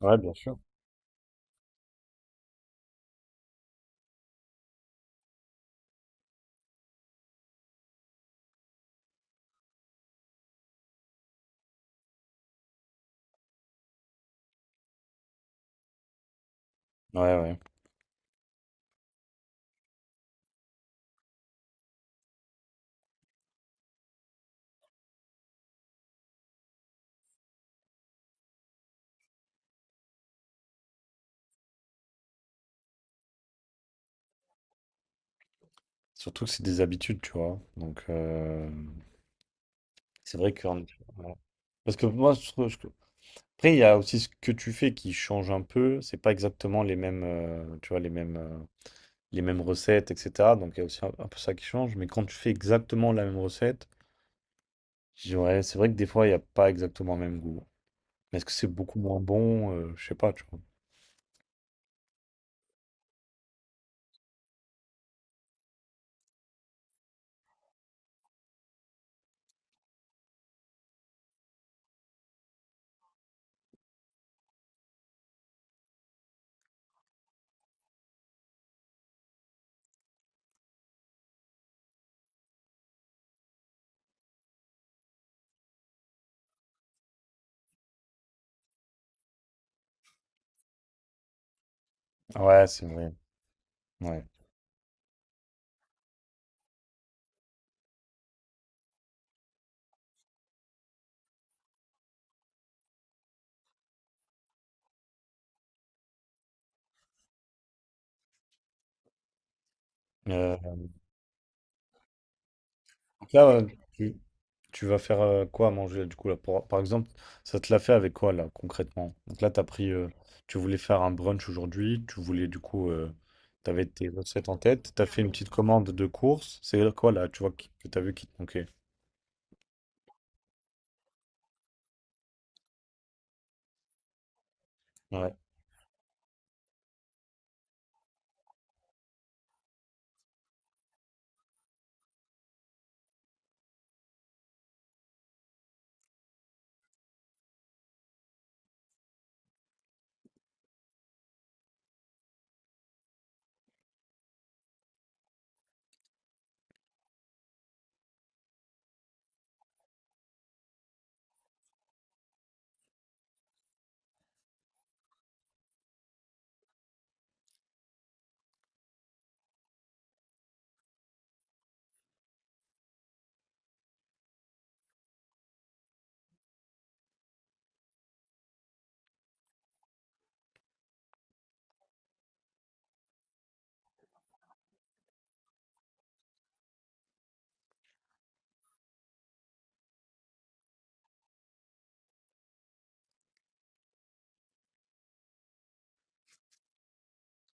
Ouais, bien sûr. Ouais, ouais. Surtout que c'est des habitudes, tu vois. Donc, c'est vrai que. Ouais. Parce que moi, je trouve. Je- Après, il y a aussi ce que tu fais qui change un peu. C'est pas exactement les mêmes, tu vois, les mêmes recettes, etc. Donc, il y a aussi un peu ça qui change. Mais quand tu fais exactement la même recette, je dirais, c'est vrai que des fois, il n'y a pas exactement le même goût. Mais est-ce que c'est beaucoup moins bon? Je sais pas, tu vois. Ouais, c'est vrai. Ouais. Euh, donc là, ouais, tu- tu vas faire quoi à manger là, du coup là par exemple, ça te l'a fait avec quoi là concrètement? Donc là, t'as pris, tu voulais faire un brunch aujourd'hui, tu voulais du coup, t'avais tes recettes en tête, t'as fait une petite commande de course. C'est quoi là? Tu vois que t'as vu qui te manquait? Ouais.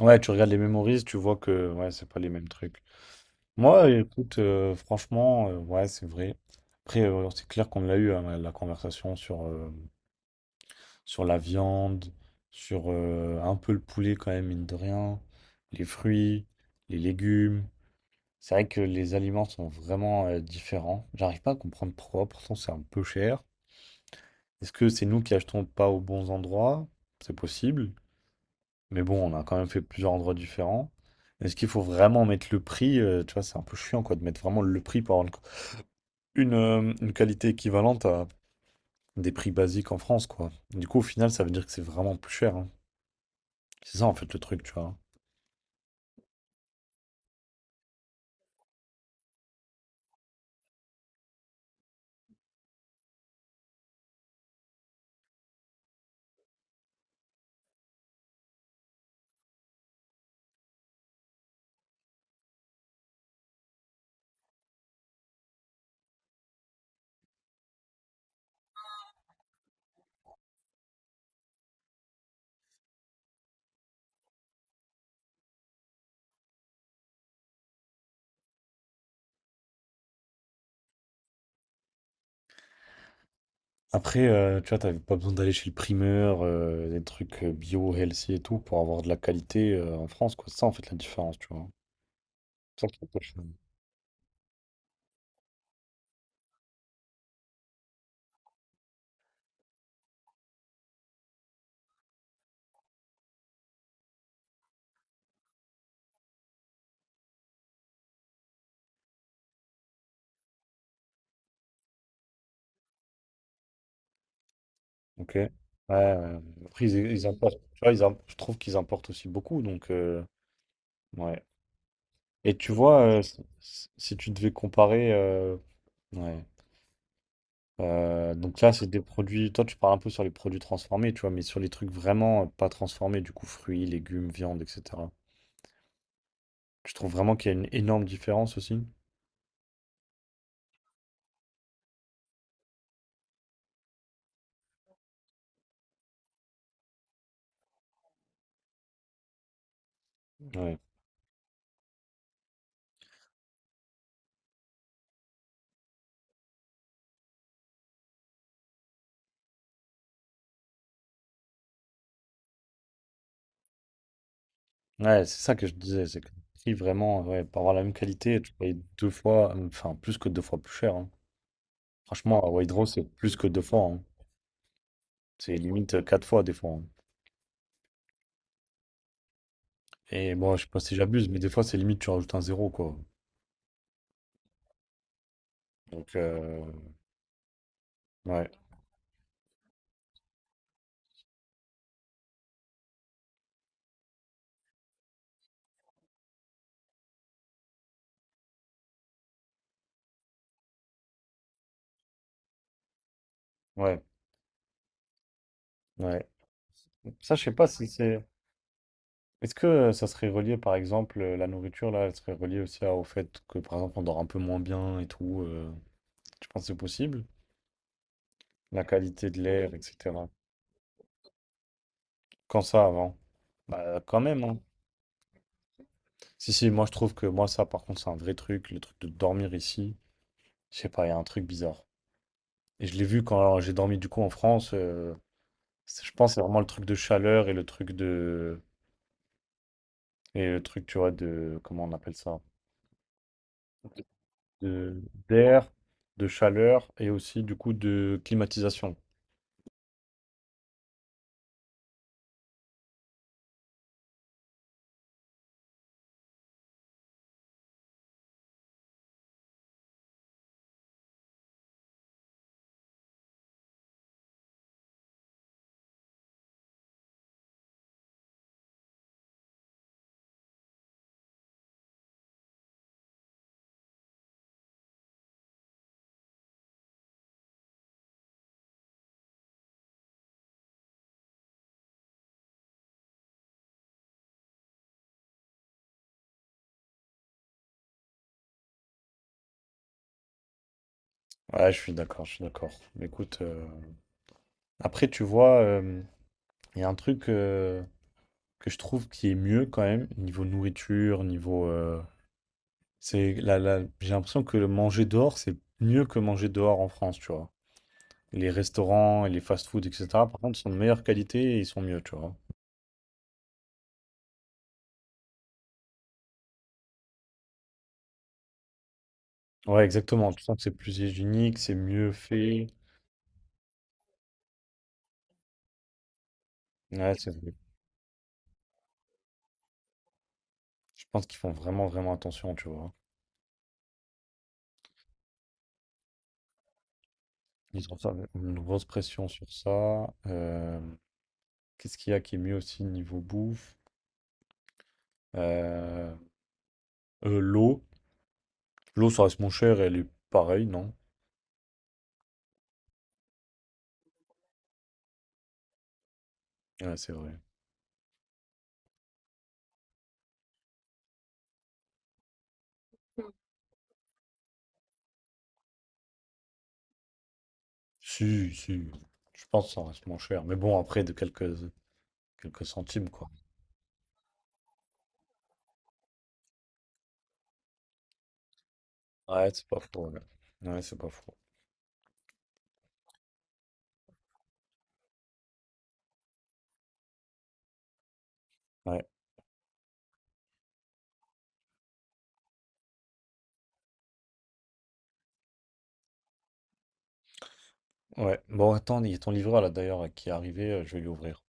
Ouais, tu regardes les memories, tu vois que ouais, c'est pas les mêmes trucs. Moi, écoute, franchement, ouais, c'est vrai. Après, c'est clair qu'on l'a eu hein, la conversation sur. Sur la viande, sur un peu le poulet quand même, mine de rien, les fruits, les légumes. C'est vrai que les aliments sont vraiment différents. J'arrive pas à comprendre pourquoi, pourtant c'est un peu cher. Est-ce que c'est nous qui achetons pas aux bons endroits? C'est possible. Mais bon, on a quand même fait plusieurs endroits différents. Est-ce qu'il faut vraiment mettre le prix? Tu vois, c'est un peu chiant quoi, de mettre vraiment le prix pour avoir une qualité équivalente à des prix basiques en France, quoi. Du coup, au final, ça veut dire que c'est vraiment plus cher, hein. C'est ça, en fait, le truc, tu vois. Après, tu vois, t'avais pas besoin d'aller chez le primeur, des trucs bio, healthy et tout, pour avoir de la qualité en France, quoi. C'est ça, en fait, la différence, tu vois. C'est ça qui est pas cher. Ok. Ouais, ouais. Ouais. Après, ils importent, tu vois, je trouve qu'ils importent aussi beaucoup, donc, ouais. Et tu vois, si tu devais comparer, ouais. Donc là, c'est des produits, toi, tu parles un peu sur les produits transformés, tu vois, mais sur les trucs vraiment pas transformés, du coup, fruits, légumes, viande, etc. Je trouve vraiment qu'il y a une énorme différence aussi. Ouais, ouais c'est ça que je disais, c'est que le prix vraiment, ouais, pour avoir la même qualité, tu payes deux fois, enfin plus que deux fois plus cher, hein. Franchement, à Waitrose, c'est plus que deux fois, hein. C'est limite quatre fois des fois, hein. Et bon, je sais pas si j'abuse, mais des fois, c'est limite tu rajoutes un zéro, quoi. Donc, ouais, ouais, ouais. Ça, je sais pas si c'est. Est-ce que ça serait relié, par exemple, la nourriture, là, elle serait reliée aussi au fait que, par exemple, on dort un peu moins bien et tout. Tu penses que c'est possible? La qualité de l'air, etc. Quand ça avant? Bah quand même, hein. Si, si, moi je trouve que moi ça par contre c'est un vrai truc, le truc de dormir ici, je sais pas, il y a un truc bizarre. Et je l'ai vu quand j'ai dormi du coup en France, je pense que c'est vraiment le truc de chaleur et le truc de... Et le truc, tu vois, de... Comment on appelle ça? De... D'air, de chaleur et aussi du coup de climatisation. Ouais, je suis d'accord, je suis d'accord. Mais écoute, après tu vois, il y a un truc que je trouve qui est mieux quand même, niveau nourriture, niveau... C'est j'ai l'impression que le manger dehors, c'est mieux que manger dehors en France, tu vois. Les restaurants et les fast-food, etc., par contre, sont de meilleure qualité et ils sont mieux, tu vois. Ouais, exactement. Tu sens que c'est plus hygiénique, c'est mieux fait. Ouais, c'est vrai. Je pense qu'ils font vraiment, vraiment attention, tu vois. Ils ont ça, une grosse pression sur ça. Qu'est-ce qu'il y a qui est mieux aussi niveau bouffe? Euh, L'eau. L'eau, ça reste moins cher, elle est pareille, non? Ouais, c'est vrai. Si, si, je pense que ça reste moins cher. Mais bon, après, de quelques centimes, quoi. Ouais, c'est pas faux. Ouais, Ouais, c'est pas faux. Ouais, ouais. Bon, attends, il y a ton livreur, là, d'ailleurs, qui est arrivé. Je vais lui ouvrir.